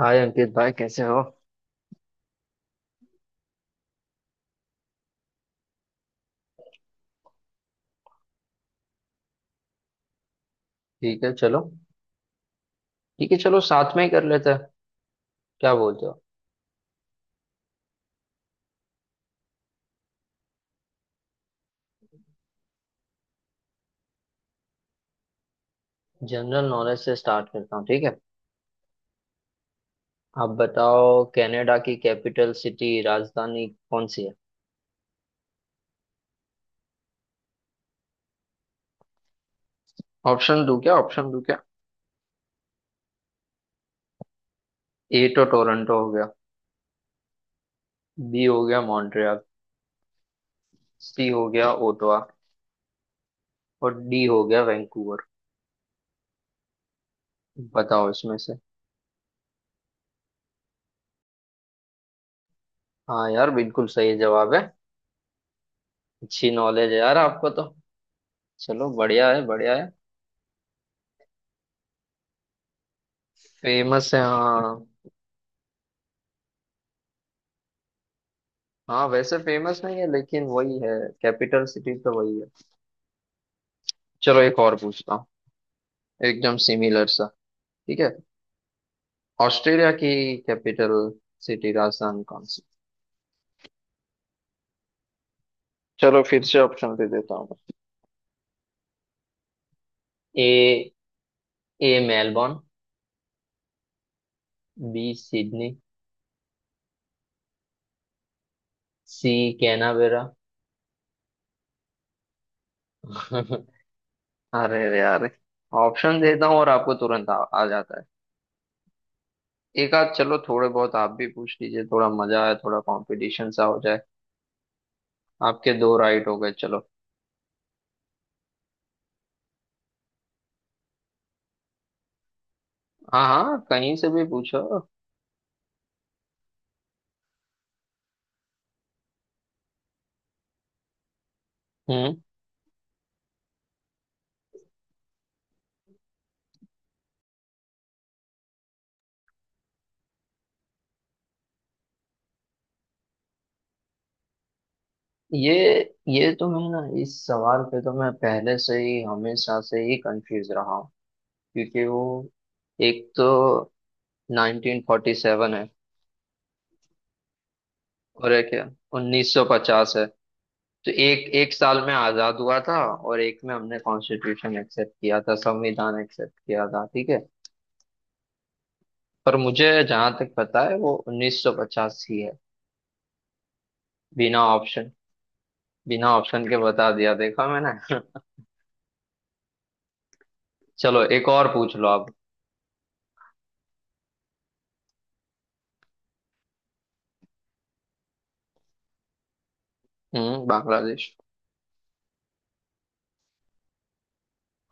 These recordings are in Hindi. हाय अंकित भाई, कैसे हो। ठीक है चलो। ठीक है चलो, साथ में ही कर लेते हैं। क्या बोलते हो? जनरल नॉलेज से स्टार्ट करता हूँ, ठीक है। आप बताओ, कनाडा की कैपिटल सिटी राजधानी कौन सी है? ऑप्शन दूं क्या, ऑप्शन दूं क्या? ए तो टोरंटो हो गया, बी हो गया मॉन्ट्रियल, सी हो गया ओटावा और डी हो गया वैंकूवर। बताओ इसमें से। हाँ यार, बिल्कुल सही जवाब है। अच्छी नॉलेज है यार आपको तो। चलो बढ़िया है बढ़िया है। फेमस है, हाँ। हाँ वैसे फेमस नहीं है, लेकिन वही है। कैपिटल सिटी तो वही है। चलो एक और पूछता हूँ। एकदम सिमिलर सा। ठीक है। ऑस्ट्रेलिया की कैपिटल सिटी राजधानी कौन सी? चलो फिर से ऑप्शन दे देता हूँ। A, A Melbourne, B Sydney, C Canberra. अरे। अरे यार। ऑप्शन देता हूँ और आपको तुरंत आ जाता है। एक आध चलो, थोड़े बहुत आप भी पूछ लीजिए, थोड़ा मजा आए, थोड़ा कंपटीशन सा हो जाए। आपके दो राइट हो गए, चलो। हाँ हाँ, कहीं से भी पूछो। हम्म। ये ये तो मैं ना, इस सवाल पे तो मैं पहले से ही हमेशा से ही कंफ्यूज रहा हूँ। क्योंकि वो, एक तो 1947 है और एक है 1950 है। तो एक एक साल में आजाद हुआ था और एक में हमने कॉन्स्टिट्यूशन एक्सेप्ट किया था, संविधान एक्सेप्ट किया था, ठीक है। पर मुझे जहां तक पता है वो 1950 ही है। बिना ऑप्शन, बिना ऑप्शन के बता दिया, देखा मैंने। चलो एक और पूछ लो आप। हम्म, बांग्लादेश।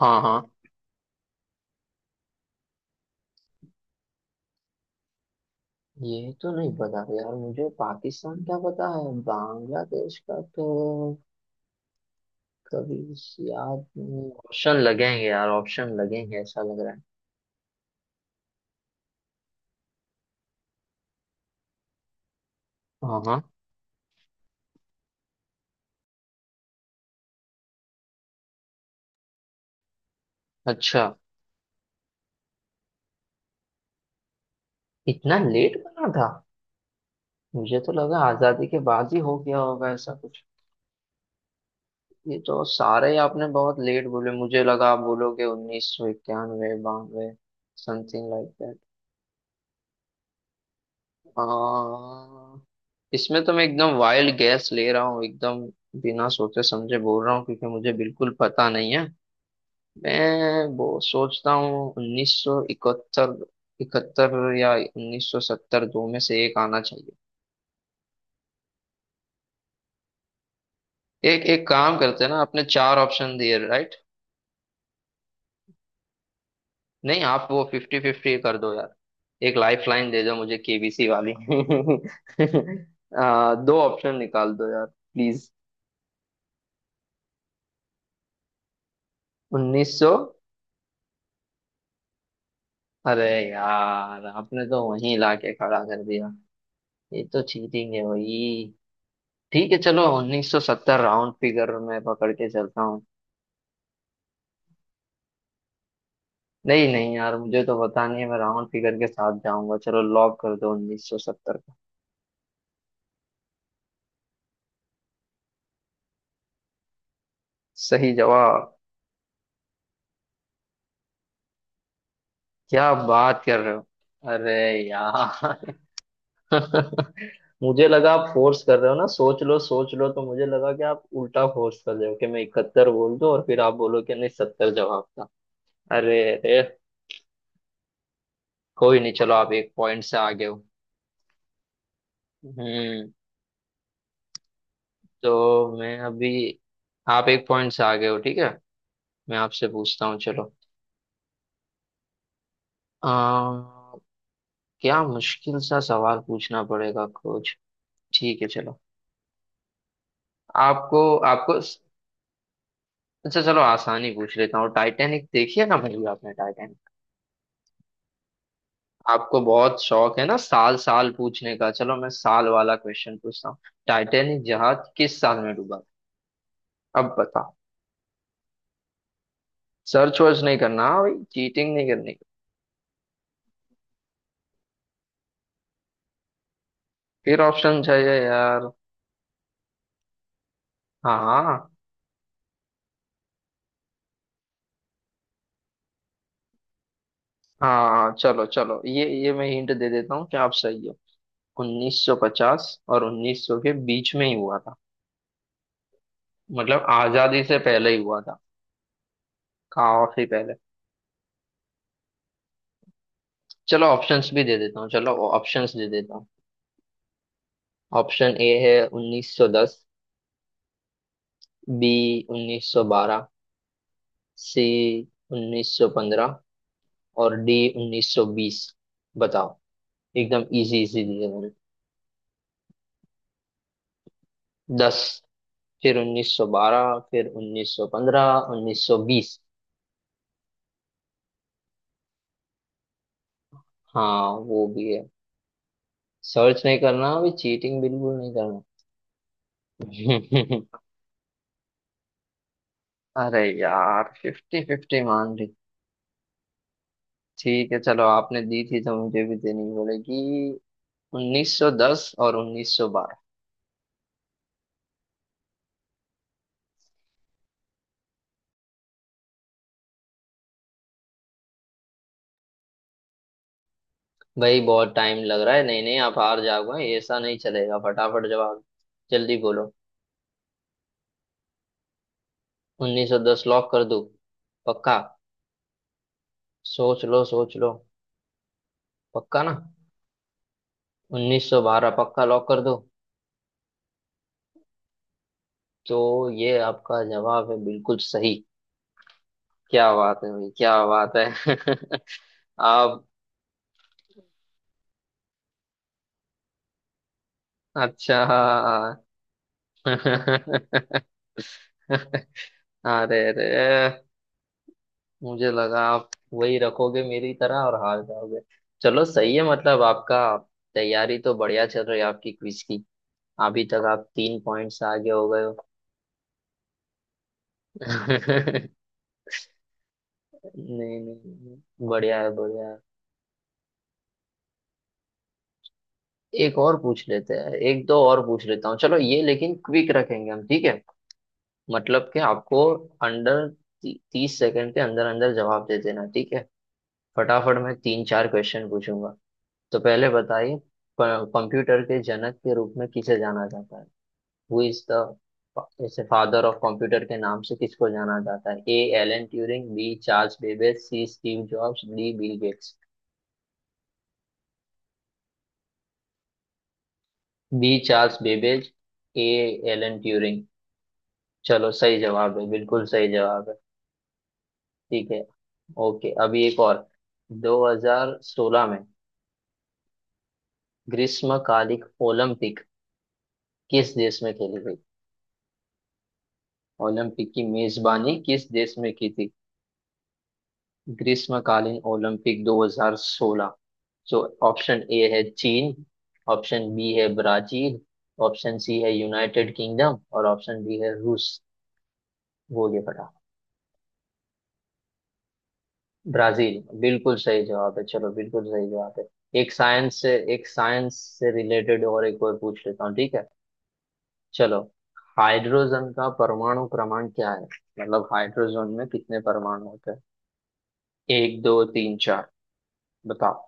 हाँ हाँ। ये तो नहीं पता यार मुझे, पाकिस्तान का पता है, बांग्लादेश का तो कभी याद नहीं। ऑप्शन लगेंगे यार, ऑप्शन लगेंगे, ऐसा लग रहा है। हाँ हाँ। अच्छा, इतना लेट बना था। मुझे तो लगा आजादी के बाद ही हो गया होगा, ऐसा कुछ। ये तो सारे ही आपने बहुत लेट बोले, मुझे लगा आप बोलोगे 1991-92, समथिंग लाइक दैट। इसमें तो मैं एकदम वाइल्ड गैस ले रहा हूँ, एकदम बिना सोचे समझे बोल रहा हूँ, क्योंकि मुझे बिल्कुल पता नहीं है। मैं वो सोचता हूँ 1971, इकहत्तर या 1970, दो में से एक आना चाहिए। एक एक काम करते हैं ना, आपने चार ऑप्शन दिए, राइट। नहीं आप वो फिफ्टी फिफ्टी कर दो यार, एक लाइफ लाइन दे दो मुझे केबीसी वाली। दो ऑप्शन निकाल दो यार प्लीज। उन्नीस सौ, अरे यार आपने तो वहीं लाके खड़ा कर दिया। ये तो चीटिंग है भाई। ठीक है चलो 1970 राउंड फिगर में पकड़ के चलता हूँ। नहीं नहीं यार, मुझे तो पता नहीं है, मैं राउंड फिगर के साथ जाऊंगा, चलो लॉक कर दो 1970 का। सही जवाब? क्या बात कर रहे हो! अरे यार। मुझे लगा आप फोर्स कर रहे हो ना, सोच लो सोच लो, तो मुझे लगा कि आप उल्टा फोर्स कर रहे हो कि मैं इकहत्तर बोल दूं और फिर आप बोलो कि नहीं सत्तर जवाब था। अरे अरे। कोई नहीं, चलो आप एक पॉइंट से आगे हो। हम्म। तो मैं अभी, आप एक पॉइंट से आगे हो, ठीक है। मैं आपसे पूछता हूँ, चलो। आ, क्या मुश्किल सा सवाल पूछना पड़ेगा कुछ। ठीक है चलो। आपको आपको अच्छा, चलो आसानी पूछ लेता हूँ। टाइटैनिक देखिए ना भाई, आपने टाइटैनिक, आपको बहुत शौक है ना साल साल पूछने का, चलो मैं साल वाला क्वेश्चन पूछता हूँ। टाइटैनिक जहाज किस साल में डूबा था? अब बताओ। सर्च वर्च नहीं करना हाँ भाई, चीटिंग नहीं करनी। फिर ऑप्शन चाहिए यार। हाँ हाँ। हाँ चलो चलो, ये मैं हिंट दे देता हूँ कि आप सही हो। 1950 और 1900 के बीच में ही हुआ था। मतलब आजादी से पहले ही हुआ था, काफी पहले। चलो ऑप्शंस भी दे देता हूँ, चलो ऑप्शंस दे देता हूँ। ऑप्शन ए है 1910, बी 1912, सी 1915 और डी 1920। बताओ। एकदम इजी इजी दिए मैंने। दस, फिर 1912, फिर 1915, 1920। हाँ वो भी है। सर्च नहीं करना अभी, चीटिंग बिल्कुल नहीं करना। अरे यार फिफ्टी फिफ्टी मान ली। ठीक है चलो, आपने दी थी तो मुझे भी देनी पड़ेगी। 1910 और 1912। भाई बहुत टाइम लग रहा है, नहीं नहीं आप हार जाओगे, ऐसा नहीं चलेगा, फटाफट जवाब। जल्दी बोलो। 1910 लॉक कर दूं? पक्का? सोच लो सोच लो, पक्का ना? 1912 पक्का लॉक कर दो? तो ये आपका जवाब है, बिल्कुल सही। क्या बात है भाई, क्या बात है। आप, अच्छा हाँ। अरे अरे। मुझे लगा आप वही रखोगे मेरी तरह और हार जाओगे। चलो सही है, मतलब आपका तैयारी तो बढ़िया चल रही है आपकी क्विज की। अभी तक आप तीन पॉइंट्स आगे हो गए हो। नहीं नहीं नहीं, बढ़िया है बढ़िया है। एक और पूछ लेते हैं, एक दो और पूछ लेता हूँ चलो, ये लेकिन क्विक रखेंगे हम, ठीक है। मतलब कि आपको अंडर 30 सेकंड के अंदर अंदर जवाब दे देना, ठीक है। फटाफट मैं तीन चार क्वेश्चन पूछूंगा। तो पहले बताइए, कंप्यूटर के जनक के रूप में किसे जाना जाता है? हु इज द, जैसे फादर ऑफ कंप्यूटर के नाम से किसको जाना जाता है? A Alan Turing, B Charles Babbage, C Steve Jobs, D Bill Gates. B Charles Babbage, A Alan Turing. चलो सही जवाब है, बिल्कुल सही जवाब है। ठीक है। ओके, अभी एक और। 2016 में ग्रीष्मकालिक ओलंपिक किस देश में खेली गई? ओलंपिक की मेजबानी किस देश में की थी? ग्रीष्मकालीन ओलंपिक 2016, जो ऑप्शन ए है चीन, ऑप्शन बी है ब्राजील, ऑप्शन सी है यूनाइटेड किंगडम और ऑप्शन डी है रूस। बोलिए फटाफट। ब्राजील बिल्कुल सही जवाब है, चलो बिल्कुल सही जवाब है। एक साइंस से, एक साइंस से रिलेटेड और एक और पूछ लेता हूँ, ठीक है। चलो। हाइड्रोजन का परमाणु क्रमांक क्या है? मतलब हाइड्रोजन में कितने परमाणु होते हैं? एक, दो, तीन, चार? बताओ।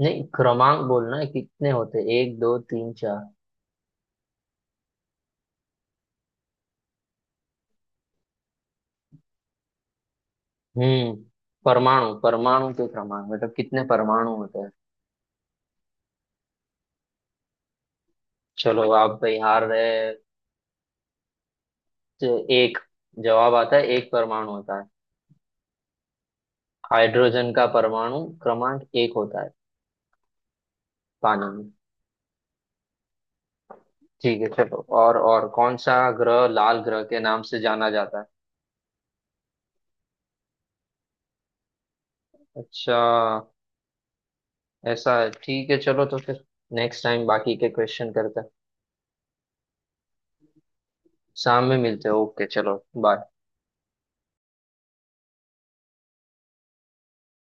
नहीं, क्रमांक बोलना है, कितने होते हैं? एक, दो, तीन, चार? हम्म। परमाणु, परमाणु के क्रमांक मतलब कितने परमाणु होते हैं। चलो आप भाई हार रहे। तो एक जवाब आता है, एक परमाणु होता है। हाइड्रोजन का परमाणु क्रमांक एक होता है, पानी में। ठीक है चलो। और कौन सा ग्रह लाल ग्रह के नाम से जाना जाता है? अच्छा, ऐसा है। ठीक है चलो, तो फिर नेक्स्ट टाइम बाकी के क्वेश्चन करते हैं। शाम में मिलते हैं। ओके चलो बाय।